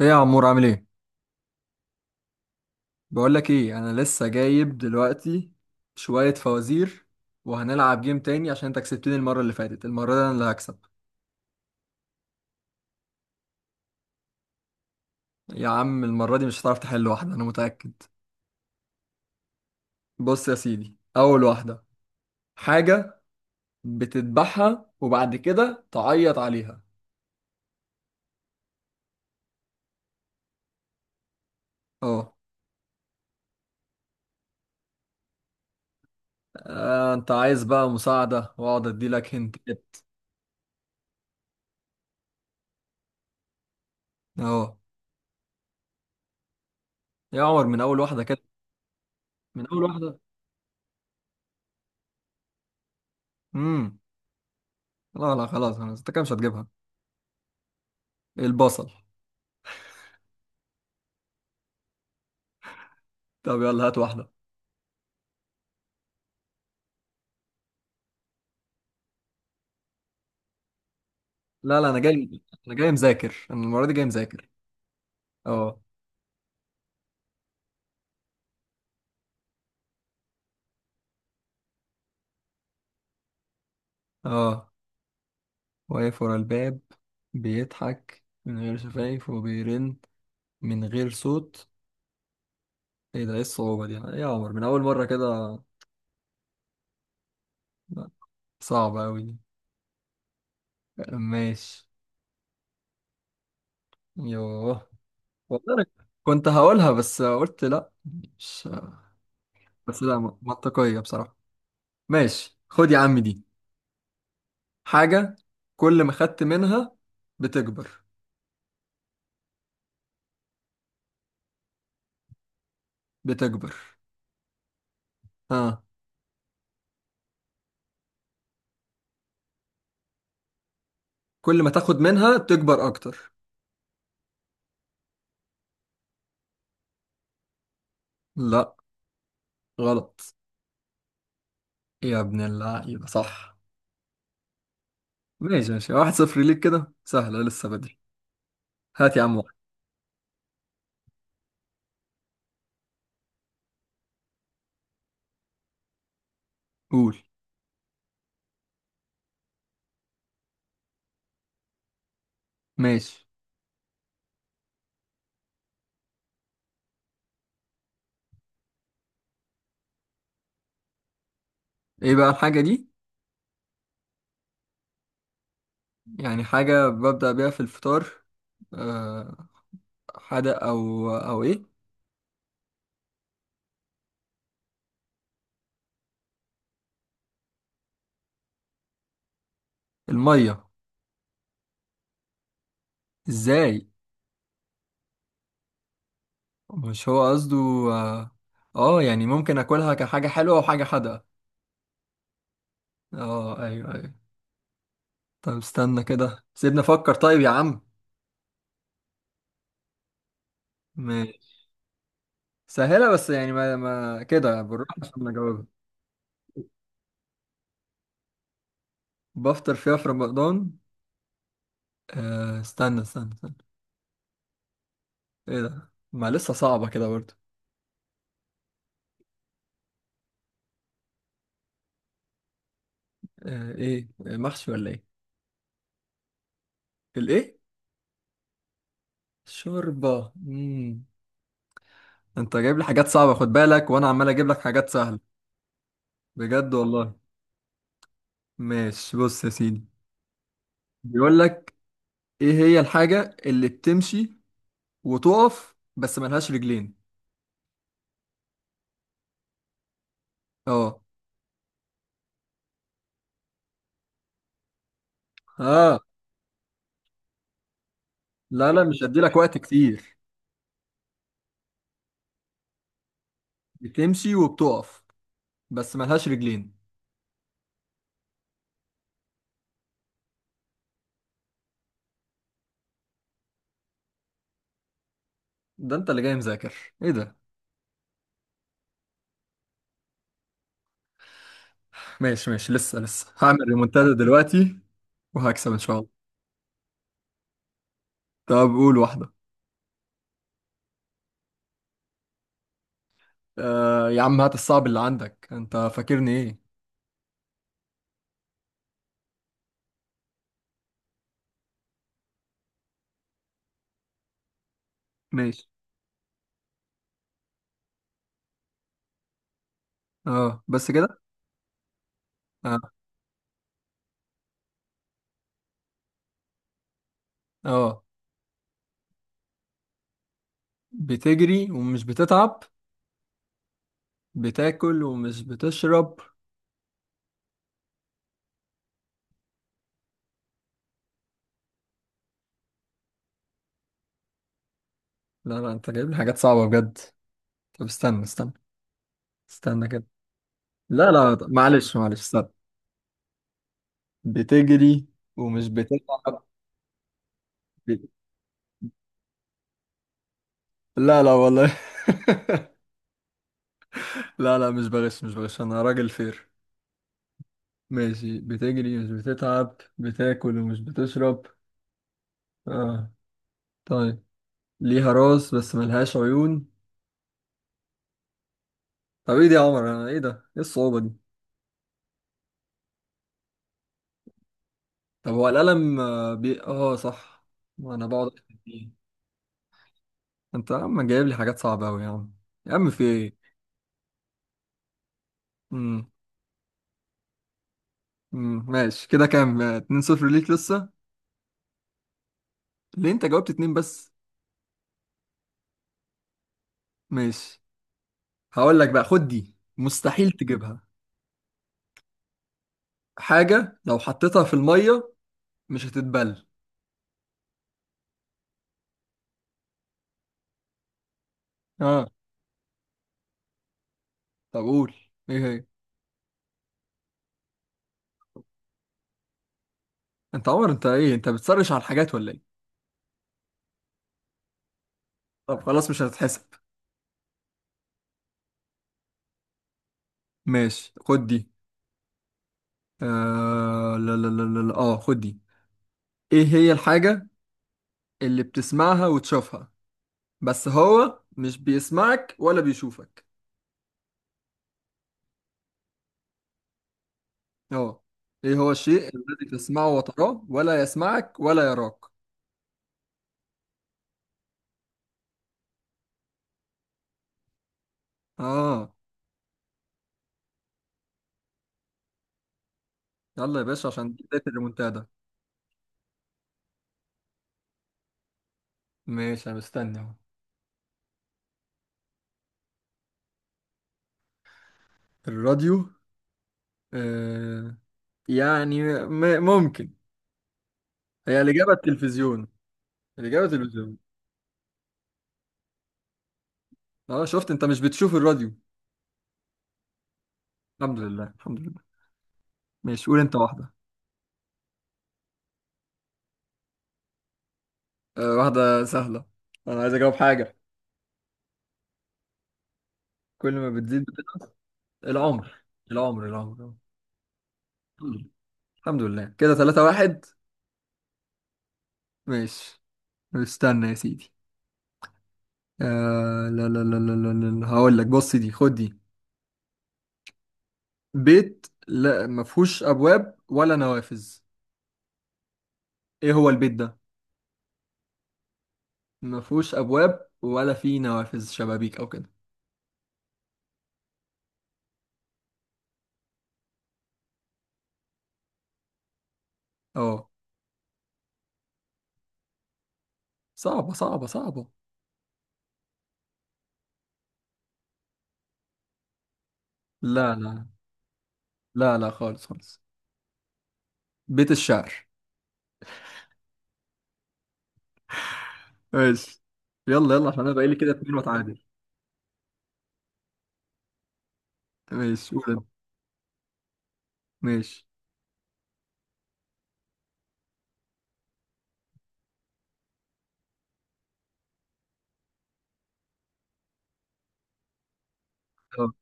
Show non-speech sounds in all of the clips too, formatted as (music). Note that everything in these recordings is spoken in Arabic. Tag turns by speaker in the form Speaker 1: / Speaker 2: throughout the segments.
Speaker 1: ايه يا عمور عامل ايه؟ بقول لك ايه، انا لسه جايب دلوقتي شوية فوازير وهنلعب جيم تاني عشان انت كسبتني المرة اللي فاتت، المرة دي انا اللي هكسب. يا عم المرة دي مش هتعرف تحل واحدة انا متأكد. بص يا سيدي اول واحدة: حاجة بتذبحها وبعد كده تعيط عليها. اه. انت عايز بقى مساعدة واقعد اديلك هنتات؟ اه. يا عمر من اول واحدة كده؟ من اول واحدة. امم لا لا، خلاص خلاص، انت كده مش هتجيبها. البصل. طب يلا هات واحدة. لا لا انا جاي، انا جاي مذاكر، انا المره دي جاي مذاكر. اه. اه. واقف ورا الباب، بيضحك من غير شفايف وبيرن من غير صوت. ايه ده؟ ايه الصعوبه دي؟ ايه يا عمر من اول مره كده؟ لا، صعبه قوي دي. ماشي. يوه، والله أنا كنت هقولها بس قلت لا، مش، بس لا منطقيه بصراحه. ماشي خد يا عم دي: حاجه كل ما خدت منها بتكبر. بتكبر. ها. كل ما تاخد منها تكبر اكتر. لا، غلط. يا ابن اللعيبة صح. ماشي ماشي، واحد صفر ليك، كده سهلة لسه بدري. هات يا عم واحد. قول. ماشي. ايه بقى الحاجة دي؟ يعني حاجة ببدأ بيها في الفطار؟ أه. حدق أو أو إيه؟ المية؟ إزاي؟ مش هو قصده. آه، آه يعني ممكن أكلها كحاجة حلوة وحاجة حادقة. آه أيوه أيوه. طب استنى كده سيبنا أفكر، طيب يا عم. ماشي، سهلة، بس يعني ما كده بالراحة عشان أجاوبها. بفطر فيها في رمضان. آه استنى استنى استنى. ايه ده ما لسه صعبة كده برضه. آه ايه، محشي ولا ايه؟ الايه؟ شوربة. انت جايب لي حاجات صعبة خد بالك، وانا عمال اجيب لك حاجات سهلة، بجد والله. ماشي بص يا سيدي، بيقول لك ايه هي الحاجة اللي بتمشي وتقف بس ملهاش رجلين. اه. اه. لا لا مش هدي لك وقت كتير. بتمشي وبتقف بس ملهاش رجلين. ده انت اللي جاي مذاكر؟ ايه ده؟ ماشي ماشي لسه، لسه هعمل ريمونتادا دلوقتي وهكسب ان شاء الله. طب قول واحدة. آه يا عم هات الصعب اللي عندك، انت فاكرني ايه؟ ماشي. اه بس كده؟ اه. اه. بتجري ومش بتتعب، بتاكل ومش بتشرب. لا لا انت جايب لي حاجات صعبة بجد. طب استنى استنى، استنى كده. لا لا طب معلش معلش استنى. بتجري ومش بتتعب. ب... لا لا والله. (laughs) لا لا مش بغش مش بغش، انا راجل فير. ماشي، بتجري مش بتتعب، بتاكل ومش بتشرب. اه. طيب ليها راس بس ملهاش عيون. طب ايه دي يا عمر؟ انا ايه ده؟ ايه الصعوبة دي؟ طب هو القلم، اه صح، ما انا بقعد أكتب فيه. انت يا عم جايب لي حاجات صعبة اوي يا عم، يا عم في ايه؟ امم ماشي كده كام؟ 2-0 ليك لسه. ليه انت جاوبت اتنين بس؟ ماشي. هقول لك بقى خد دي، مستحيل تجيبها: حاجة لو حطيتها في المية مش هتتبل. اه. طب قول ايه هي. انت عمر انت ايه، انت بتسرش على الحاجات ولا ايه؟ طب خلاص مش هتتحسب. ماشي خد دي. آه لا لا لا لا لا. اه خد دي: ايه هي الحاجة اللي بتسمعها وتشوفها بس هو مش بيسمعك ولا بيشوفك. اه. ايه هو الشيء الذي تسمعه وتراه ولا يسمعك ولا يراك. اه. يلا يا باشا عشان دي بداية الريمونتادا. ماشي انا مستني اهو. الراديو. آه. يعني ممكن هي الإجابة التلفزيون. الإجابة التلفزيون. اه شفت، انت مش بتشوف الراديو. الحمد لله الحمد لله. ماشي قول انت واحدة. أه واحدة سهلة، انا عايز اجاوب حاجة. كل ما بتزيد بتنقص. العمر. العمر العمر. الحمد لله، الحمد لله، كده 3 واحد. ماشي. استنى يا سيدي. أه لا لا لا لا لا لا هقول لك، بص دي خد دي: بيت لا ما فيهوش ابواب ولا نوافذ، ايه هو البيت ده؟ ما فيهوش ابواب ولا فيه نوافذ شبابيك او كده. اه. صعبة صعبة صعبة. لا لا خالص خالص. بيت الشعر. ماشي. يلا يلا عشان انا بقالي كده اتنين واتعادل. ماشي قول انت. ماشي. اه.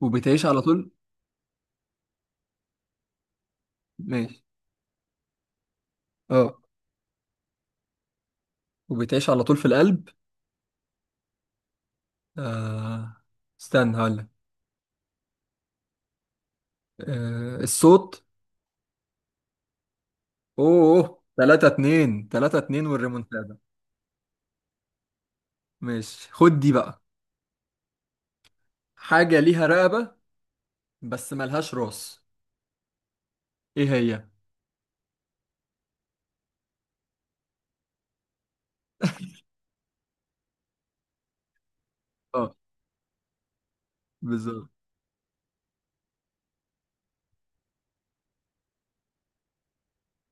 Speaker 1: وبتعيش على طول. ماشي. اه. وبتعيش على طول في القلب. آه. استنى هقول لك. آه. الصوت. اوه 3 2 3 2 والريمونتادا. ماشي خد دي بقى: حاجة ليها رقبة بس ملهاش راس، ايه هي؟ اه بالظبط.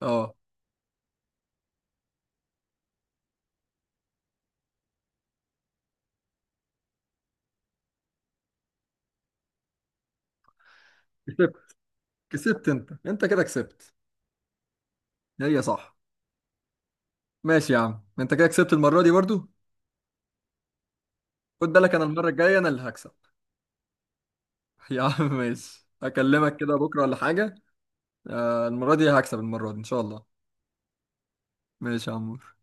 Speaker 1: اه كسبت، كسبت، انت انت كده كسبت. هي صح. ماشي يا عم انت كده كسبت المرة دي برضو. خد بالك انا المره الجايه انا اللي هكسب. (laughs) يا عم ماشي اكلمك كده بكره ولا حاجه. المره دي هكسب، المره دي ان شاء الله. ماشي يا عمور.